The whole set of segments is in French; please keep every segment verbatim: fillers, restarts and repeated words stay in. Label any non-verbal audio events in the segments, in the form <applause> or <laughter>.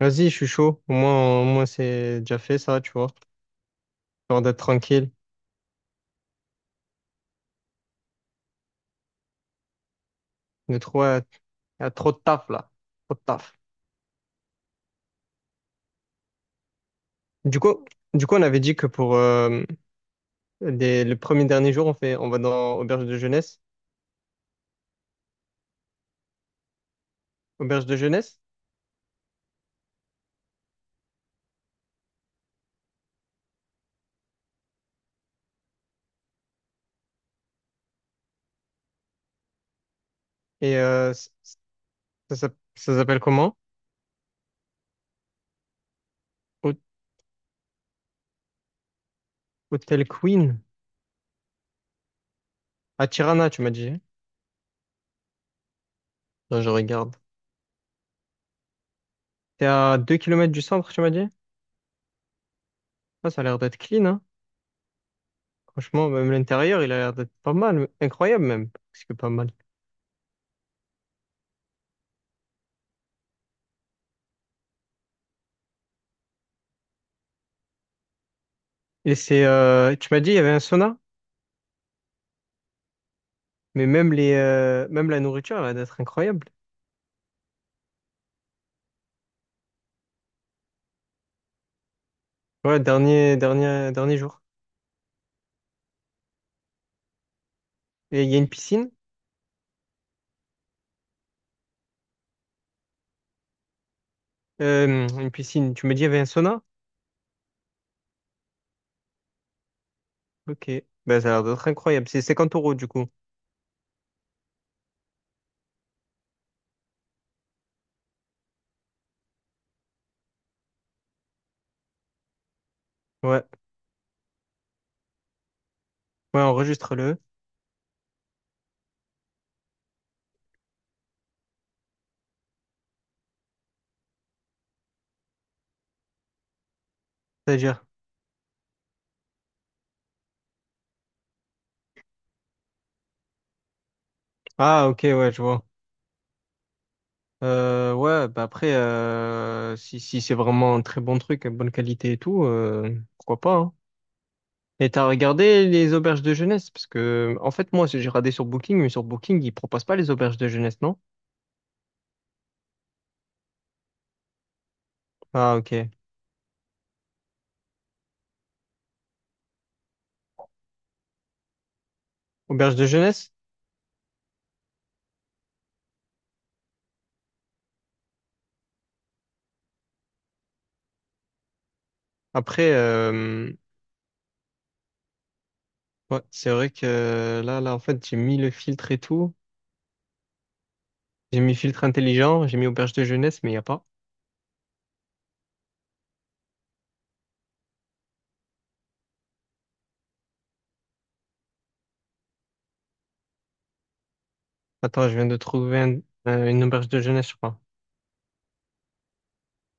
Vas-y, je suis chaud. Au moins, au moins c'est déjà fait, ça, tu vois. Genre d'être tranquille. De trop, il y a trop de taf, là. Trop de taf. Du coup, du coup, on avait dit que pour euh, les- le premier dernier jour, on fait, on va dans auberge de jeunesse. Auberge de jeunesse. Et euh, ça, ça, ça s'appelle comment? Hô- Hôtel Queen. À Tirana, tu m'as dit, hein. Non, je regarde. T'es à deux kilomètres du centre, tu m'as dit? Ah, ça a l'air d'être clean, hein. Franchement, même l'intérieur, il a l'air d'être pas mal. Incroyable, même. Parce que pas mal. Et c'est, euh, tu m'as dit, il y avait un sauna? Mais même les, euh, même la nourriture, elle va être incroyable. Ouais, dernier, dernier, dernier jour. Et il y a une piscine. Euh, une piscine. Tu me dis, il y avait un sauna? Ok. Ben, ça a l'air d'être incroyable. C'est cinquante euros, du coup. Ouais. Ouais, enregistre-le. C'est-à-dire. Ah, ok, ouais, je vois. Euh, ouais, bah après, euh, si, si c'est vraiment un très bon truc, à bonne qualité et tout, euh, pourquoi pas, hein. Et t'as regardé les auberges de jeunesse? Parce que, en fait, moi, j'ai regardé sur Booking, mais sur Booking, ils proposent pas les auberges de jeunesse, non? Ah, ok. Auberge de jeunesse? Après, euh, ouais, c'est vrai que là, là, en fait, j'ai mis le filtre et tout. J'ai mis filtre intelligent, j'ai mis auberge de jeunesse, mais il n'y a pas. Attends, je viens de trouver un- euh, une auberge de jeunesse, je crois.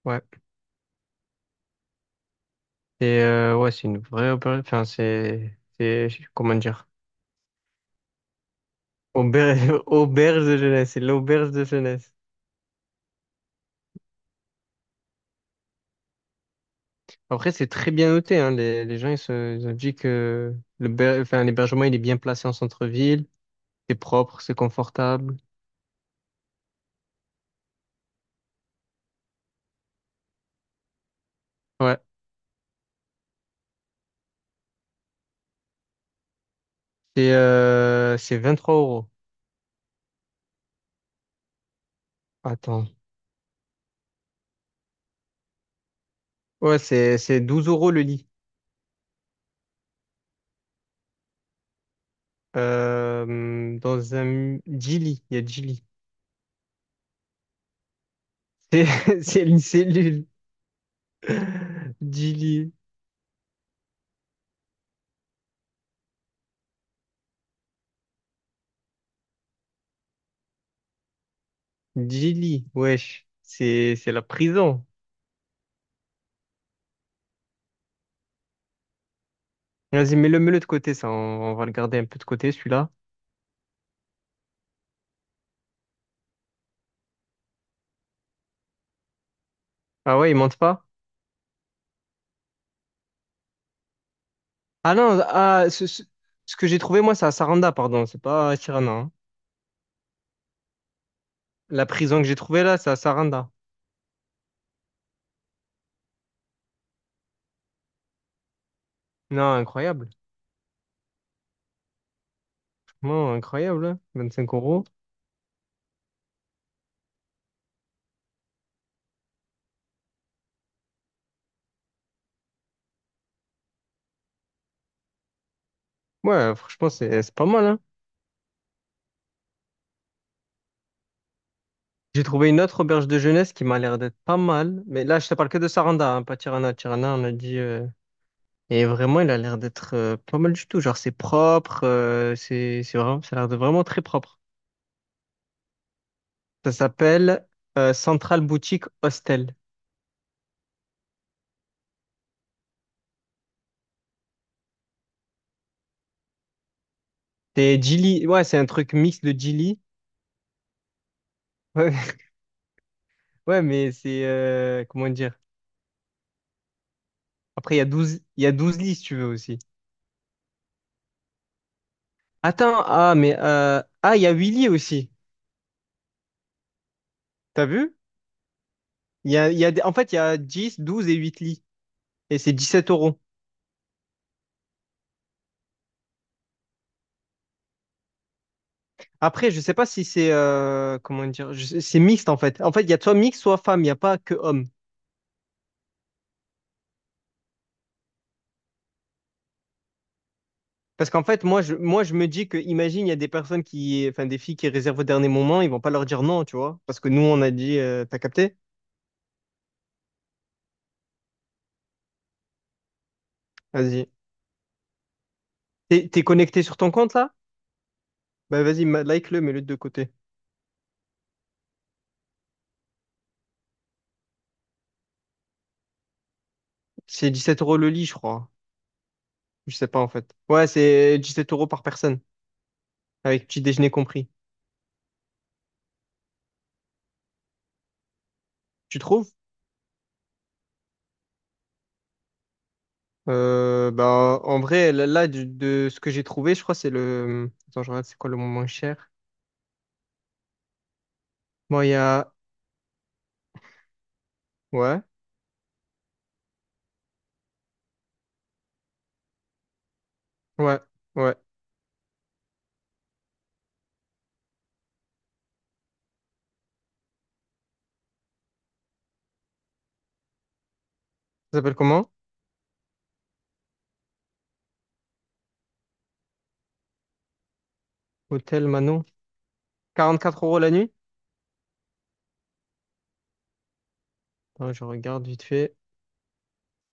Ouais. Et euh, ouais, c'est une vraie auberge. Enfin, c'est, c'est, comment dire? Auberge, <laughs> auberge de jeunesse, c'est l'auberge de jeunesse. Après, c'est très bien noté, hein. Les, les gens, ils se, ils ont dit que le, ber- enfin, l'hébergement, il est bien placé en centre-ville. C'est propre, c'est confortable. Ouais. C'est euh, c'est trois euros. Attends, ouais, c'est, c'est douze euros le lit. Euh, dans un Gili, il y a Gili. C'est <laughs> c'est une cellule. Gili, Gili, wesh. C'est c'est la prison. Vas-y, mets-le, mets-le de côté, ça. On, on va le garder un peu de côté, celui-là. Ah ouais, il monte pas? Ah non, ah, ce, ce- ce que j'ai trouvé, moi, c'est à Saranda, pardon. C'est pas à Tirana, hein. La prison que j'ai trouvée là, c'est à Saranda. Non, incroyable. Franchement, incroyable, hein. Cinq euros. Ouais, franchement, c'est c'est pas mal, hein. J'ai trouvé une autre auberge de jeunesse qui m'a l'air d'être pas mal. Mais là, je te parle que de Saranda, hein, pas Tirana. Tirana, on a dit. euh, Et vraiment, il a l'air d'être euh, pas mal du tout. Genre, c'est propre. euh, c'est, c'est vraiment, ça a l'air de vraiment très propre. Ça s'appelle euh, Central Boutique Hostel. C'est Gili. Ouais, c'est un truc mix de Gili. Ouais, <laughs> ouais, mais c'est. Euh, comment dire? Après, il y a douze, il y a douze lits si tu veux aussi. Attends, ah, mais. euh, Ah, il y a huit lits aussi. T'as vu? Il y a, il y a, des- en fait, il y a dix, douze et huit lits. Et c'est dix-sept euros. Après, je sais pas si c'est euh, comment dire, je sais- c'est mixte en fait. En fait, il y a soit mixte, soit femme, il n'y a pas que homme. Parce qu'en fait, moi je, moi, je me dis que, imagine, il y a des personnes qui, enfin, des filles qui réservent au dernier moment, ils vont pas leur dire non, tu vois. Parce que nous, on a dit, euh, t'as capté? Vas-y. T'es, t'es connecté sur ton compte là? Bah, vas-y, ma- like-le, mets-le de côté. C'est dix-sept euros le lit, je crois. Je sais pas en fait. Ouais, c'est dix-sept euros par personne, avec petit déjeuner compris. Tu trouves? Euh, bah, en vrai, là, là, du- de ce que j'ai trouvé, je crois que c'est le. Attends, je regarde, c'est quoi le moins cher? Bon, il y a. Ouais, ouais, ouais. Ça s'appelle comment? Hôtel Manon. Quarante quatre euros la nuit? Attends, je regarde vite fait.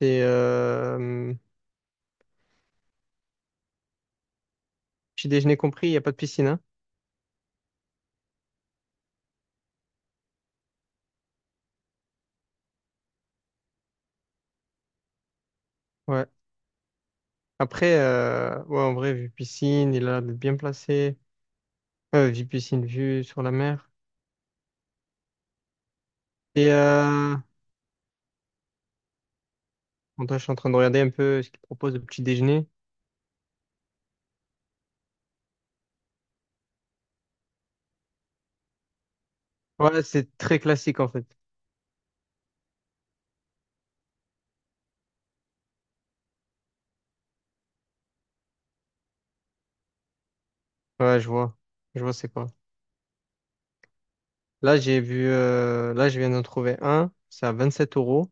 C'est. Euh... Petit déjeuner compris, il n'y a pas de piscine, hein? Ouais. Après, euh... ouais, en vrai, vue piscine, il a l'air d'être bien placé. Euh, vue piscine, vue sur la mer. Et. Euh... Attends, je suis en train de regarder un peu ce qu'il propose de petit déjeuner. Ouais, c'est très classique en fait. Ouais, je vois. Je vois, c'est quoi. Là, j'ai vu, euh, là, je viens d'en trouver un. C'est à vingt-sept euros.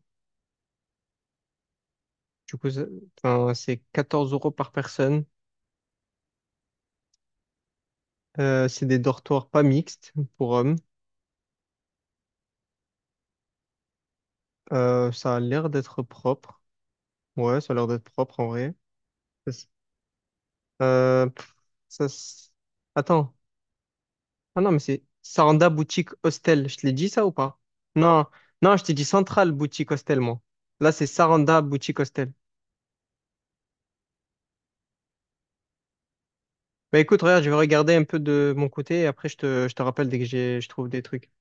Du coup, c'est enfin, c'est quatorze euros par personne. Euh, c'est des dortoirs pas mixtes pour hommes. Euh, ça a l'air d'être propre. Ouais, ça a l'air d'être propre en vrai. Ça s- Euh, pff, ça, s- Attends. Ah non, mais c'est Saranda Boutique Hostel. Je te l'ai dit ça ou pas? Non, non, je t'ai dit Central Boutique Hostel, moi. Là, c'est Saranda Boutique Hostel. Bah écoute, regarde, je vais regarder un peu de mon côté et après, je te, je te rappelle dès que j'ai, je trouve des trucs.